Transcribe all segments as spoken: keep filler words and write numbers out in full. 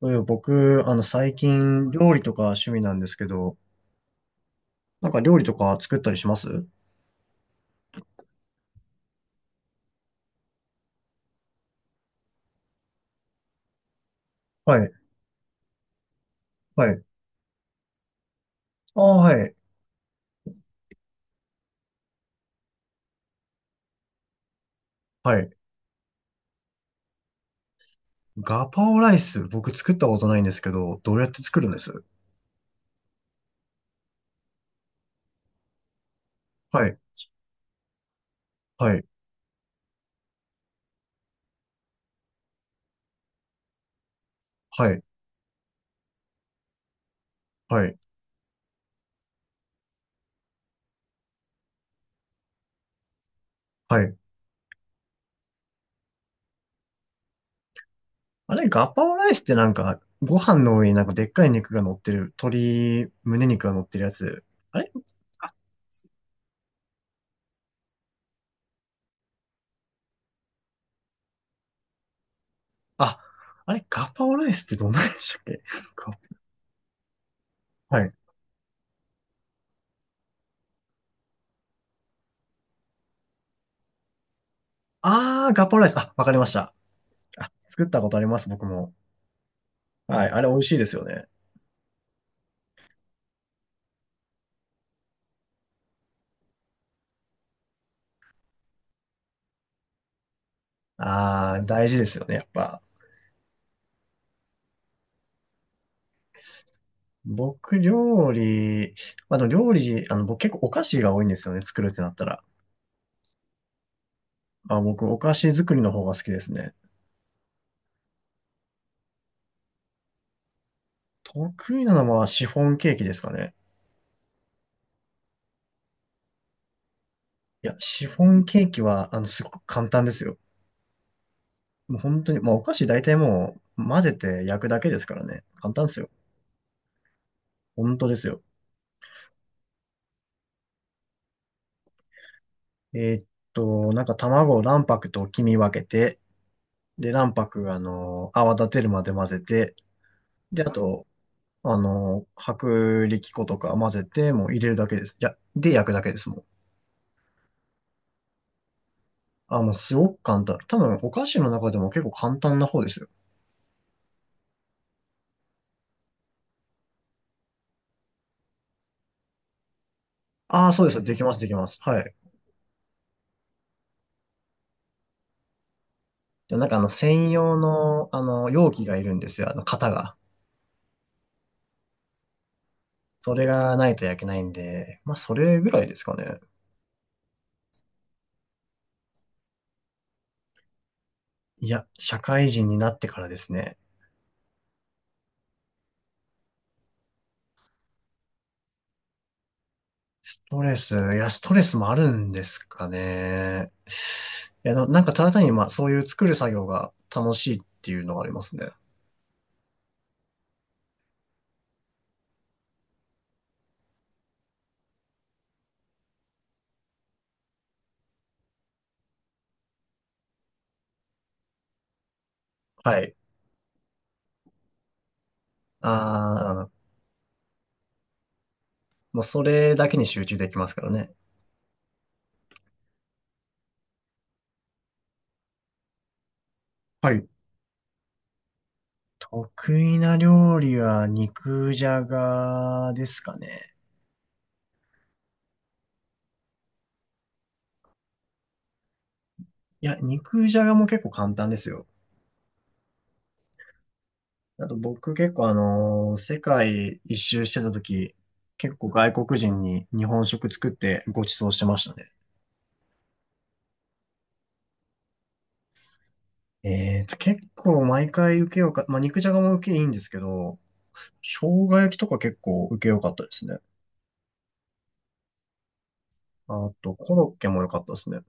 そういえば僕、あの、最近、料理とか趣味なんですけど、なんか料理とか作ったりします。はい、はい。ああ、はい、はい。ガパオライス、僕作ったことないんですけど、どうやって作るんです？はい、はい、はい、はい、はい。あれ、ガパオライスってなんか、ご飯の上になんかでっかい肉が乗ってる、鶏胸肉が乗ってるやつ。あれ、あ、あ、あれ、ガパオライスってどんなんでしたっけ？ ガはい。ああ、ガパオライス。あ、わかりました。あ、作ったことあります、僕も。はい、あれ美味しいですよね。ああ、大事ですよね、やっぱ。僕、料理、まあ、でも料理、あの、僕結構お菓子が多いんですよね、作るってなったら。まあ、僕、お菓子作りの方が好きですね。得意なのはシフォンケーキですかね。いや、シフォンケーキは、あの、すごく簡単ですよ。もう本当に、まあ、お菓子大体もう、混ぜて焼くだけですからね。簡単ですよ。本当ですよ。えーっと、なんか卵を卵白と黄身分けて、で、卵白、あの、泡立てるまで混ぜて、で、あと、あの、薄力粉とか混ぜて、もう入れるだけです。いや、で焼くだけですもん。あ、もうすごく簡単。多分、お菓子の中でも結構簡単な方ですよ。ああ、そうです。できます、できます。はい。でなんかあの、専用の、あの、容器がいるんですよ。あの、型が。それがないと焼けないんで、まあ、それぐらいですかね。いや、社会人になってからですね。ストレス、いや、ストレスもあるんですかね。いや、ななんかただ単に、まあ、そういう作る作業が楽しいっていうのがありますね。はい。ああ、もうそれだけに集中できますからね。はい。得意な料理は肉じゃがですかね。いや、肉じゃがも結構簡単ですよ。あと僕結構あのー世界一周してた時、結構外国人に日本食作ってご馳走してましたね。えーと、結構毎回受けようか、まあ、肉じゃがも受けいいんですけど、生姜焼きとか結構受けよかったですね。あと、コロッケも良かったですね。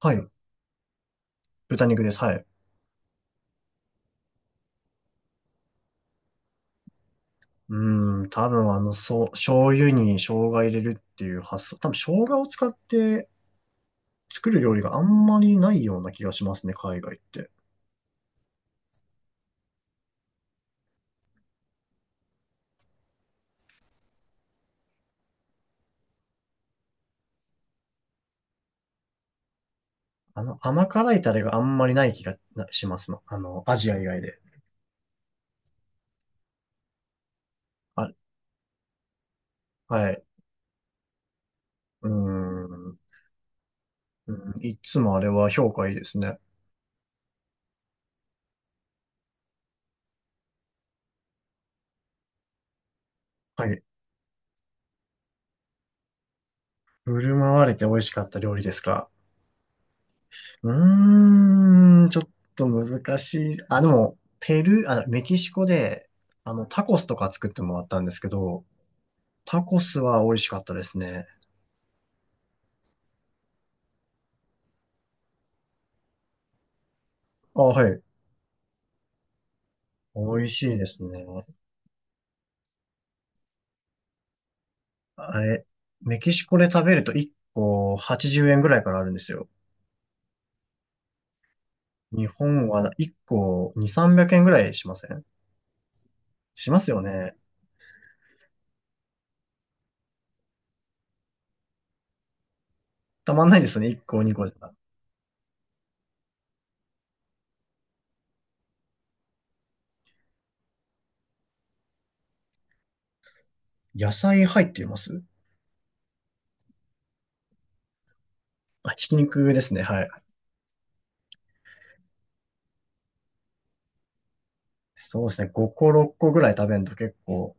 はい。豚肉です。はい。うん、多分あの、そう、醤油に生姜入れるっていう発想。多分生姜を使って作る料理があんまりないような気がしますね、海外って。あの、甘辛いタレがあんまりない気がなしますもん。あの、アジア以外で。あ、はい。うーん。うんいつもあれは評価いいですね。はい。振る舞われて美味しかった料理ですか。うーん、ちょっと難しい。あ、でも、ペルー、あ、メキシコで、あの、タコスとか作ってもらったんですけど、タコスは美味しかったですね。あ、はい。美味しいですね。あれ、メキシコで食べるといっこはちじゅうえんぐらいからあるんですよ。日本はいっこに、さんびゃくえんぐらいしません？しますよね。たまんないですね。いっこ、にこじゃ。野菜入っています？あ、ひき肉ですね。はい。そうですね。ごこ、ろっこぐらい食べんと結構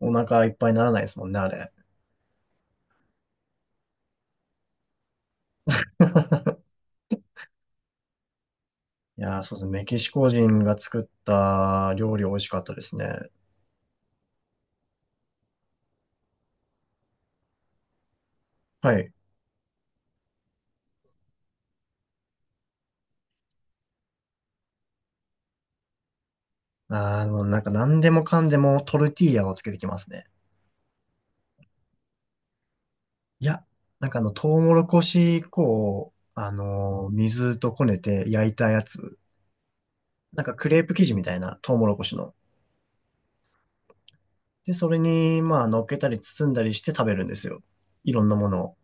お腹いっぱいにならないですもんね、あれ。いやー、そうですね。メキシコ人が作った料理美味しかったですね。はい。ああ、もうなんか何でもかんでもトルティーヤをつけてきますね。いや、なんかあの、トウモロコシ粉を、あのー水とこねて焼いたやつ。なんかクレープ生地みたいな、トウモロコシの。で、それに、まあ、乗っけたり包んだりして食べるんですよ。いろんなものを。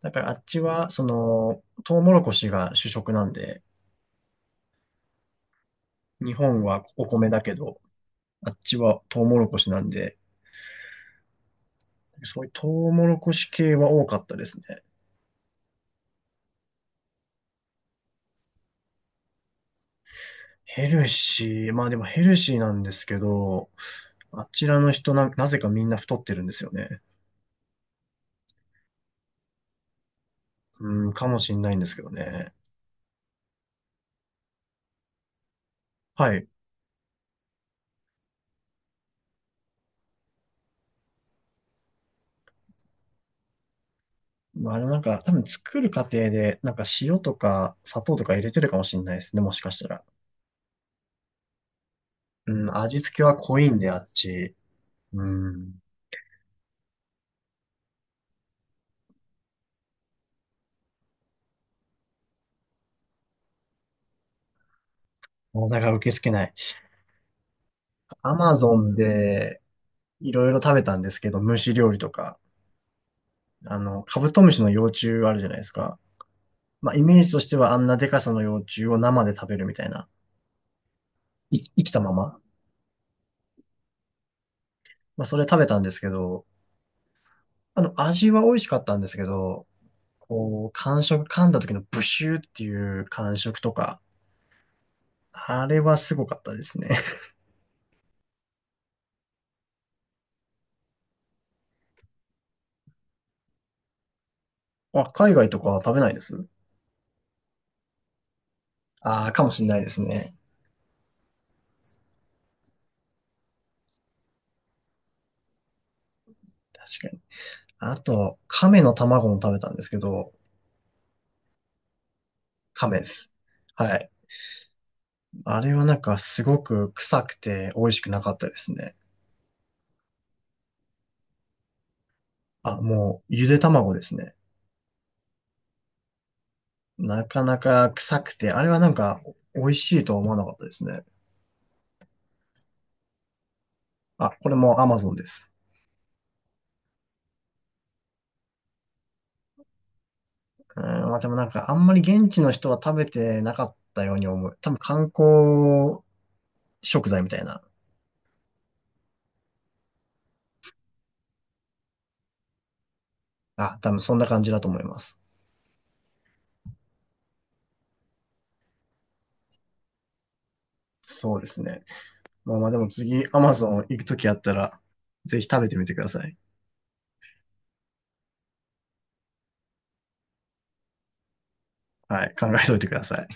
だからあっちは、その、トウモロコシが主食なんで、日本はお米だけど、あっちはトウモロコシなんで、そういうトウモロコシ系は多かったですね。ヘルシー。まあでもヘルシーなんですけど、あちらの人な、なぜかみんな太ってるんですよね。うん、かもしんないんですけどね。はい。まあ、あの、なんか、多分作る過程で、なんか塩とか砂糖とか入れてるかもしんないですね、もしかしたら。うん、味付けは濃いんで、あっち。うん、体が受け付けない。アマゾンで、いろいろ食べたんですけど、虫料理とか。あの、カブトムシの幼虫あるじゃないですか。まあ、イメージとしてはあんなでかさの幼虫を生で食べるみたいな。い生きたまま、まあ、それ食べたんですけど、あの、味は美味しかったんですけど、こう、感触、噛んだ時のブシューっていう感触とか、あれはすごかったですね。あ、海外とかは食べないです？ああ、かもしれないですね。確かに。あと、亀の卵も食べたんですけど、亀です。はい。あれはなんかすごく臭くて美味しくなかったですね。あ、もう、ゆで卵ですね。なかなか臭くて、あれはなんか美味しいとは思わなかったですね。あ、これも Amazon です。うん、まあでもなんかあんまり現地の人は食べてなかったように思う。多分観光食材みたいな。あ、多分そんな感じだと思います。そうですね。まあまあでも次 Amazon 行くときあったら、ぜひ食べてみてください。はい、考えておいてください。